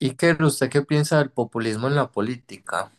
Iker, ¿usted qué piensa del populismo en la política?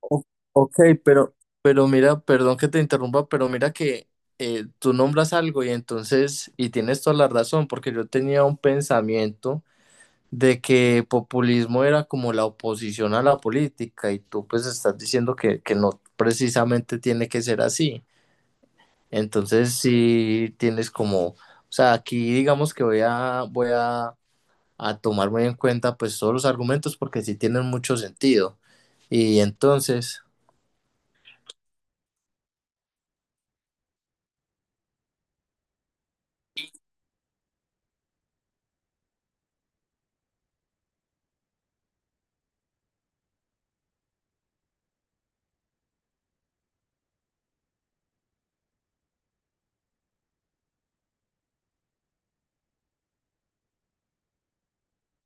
O- Ok, pero Pero mira, perdón que te interrumpa, pero mira que tú nombras algo y entonces, y tienes toda la razón, porque yo tenía un pensamiento de que populismo era como la oposición a la política y tú pues estás diciendo que no precisamente tiene que ser así. Entonces sí tienes como, o sea, aquí digamos que voy a tomar muy en cuenta pues todos los argumentos porque sí tienen mucho sentido. Y entonces,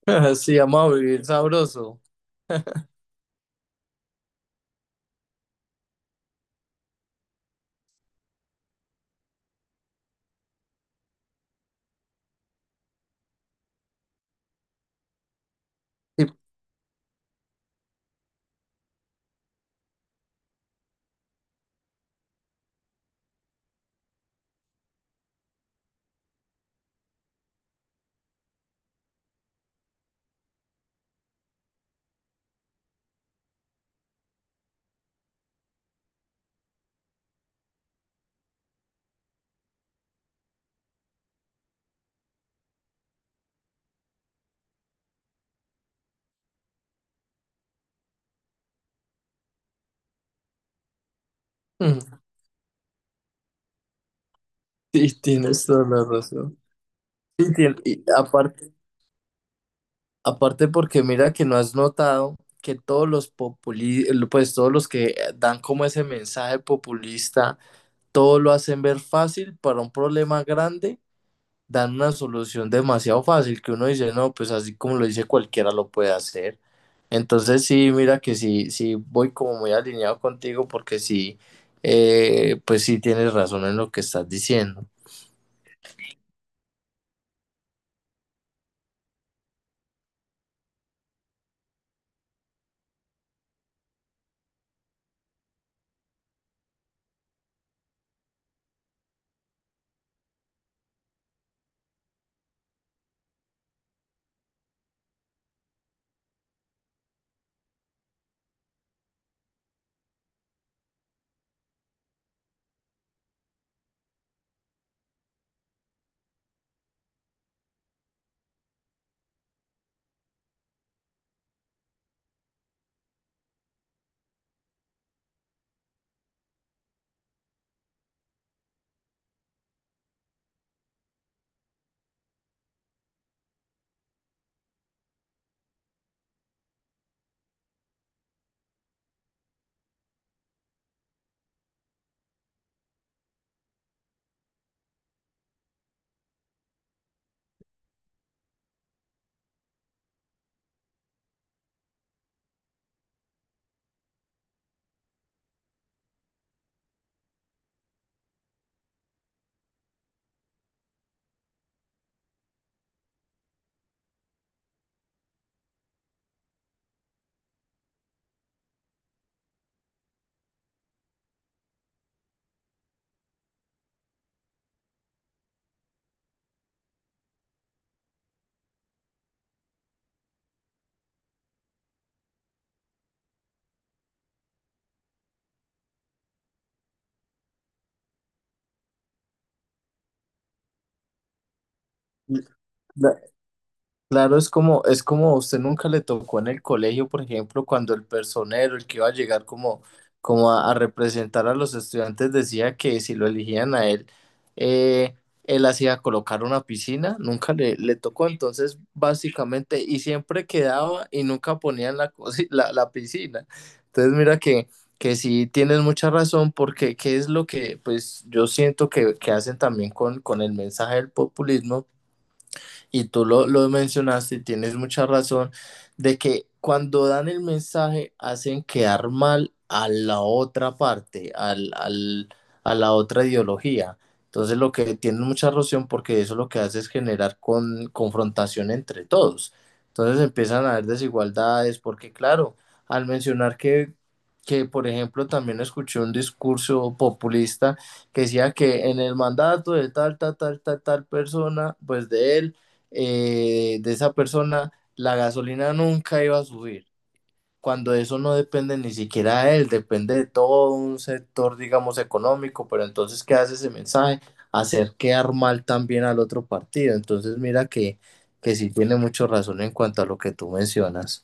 sí, vamos a vivir sabroso. Y, mm, sí, tienes toda la razón. Sí, y aparte, aparte porque mira que no has notado que todos los populi, pues todos los que dan como ese mensaje populista, todo lo hacen ver fácil para un problema grande, dan una solución demasiado fácil que uno dice, no, pues así como lo dice cualquiera lo puede hacer. Entonces sí, mira que sí, sí voy como muy alineado contigo porque sí, pues sí tienes razón en lo que estás diciendo. Claro, es como a usted nunca le tocó en el colegio, por ejemplo, cuando el personero, el que iba a llegar como, como a representar a los estudiantes, decía que si lo elegían a él, eh, él hacía colocar una piscina, nunca le tocó, entonces básicamente, y siempre quedaba y nunca ponían la piscina. Entonces mira que sí tienes mucha razón, porque qué es lo que pues yo siento que hacen también con el mensaje del populismo y tú lo mencionaste y tienes mucha razón de que cuando dan el mensaje hacen quedar mal a la otra parte, a la otra ideología. Entonces lo que tienen mucha razón porque eso lo que hace es generar con, confrontación entre todos. Entonces empiezan a haber desigualdades porque claro, al mencionar que por ejemplo también escuché un discurso populista que decía que en el mandato de tal, tal, tal, tal, tal persona, pues de él, de esa persona, la gasolina nunca iba a subir, cuando eso no depende ni siquiera de él, depende de todo un sector, digamos, económico, pero entonces, ¿qué hace ese mensaje? Hacer quedar mal también al otro partido. Entonces, mira que sí tiene mucho razón en cuanto a lo que tú mencionas.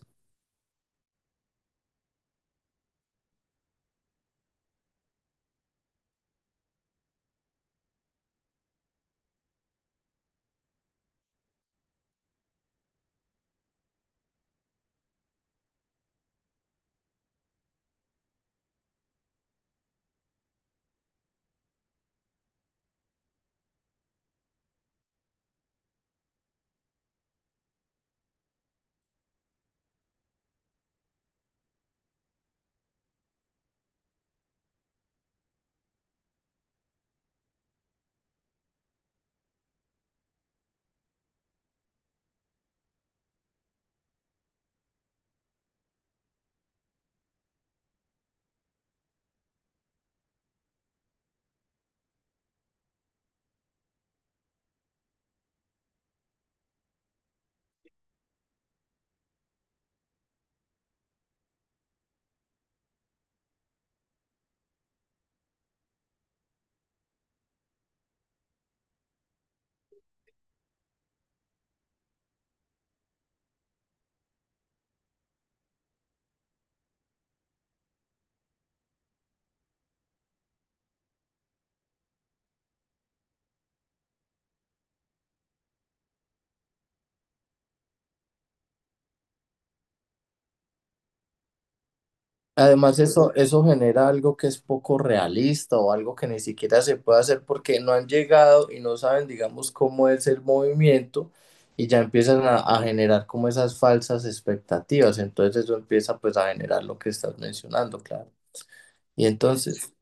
Además, eso genera algo que es poco realista o algo que ni siquiera se puede hacer porque no han llegado y no saben, digamos, cómo es el movimiento y ya empiezan a generar como esas falsas expectativas. Entonces eso empieza pues a generar lo que estás mencionando, claro. Y entonces...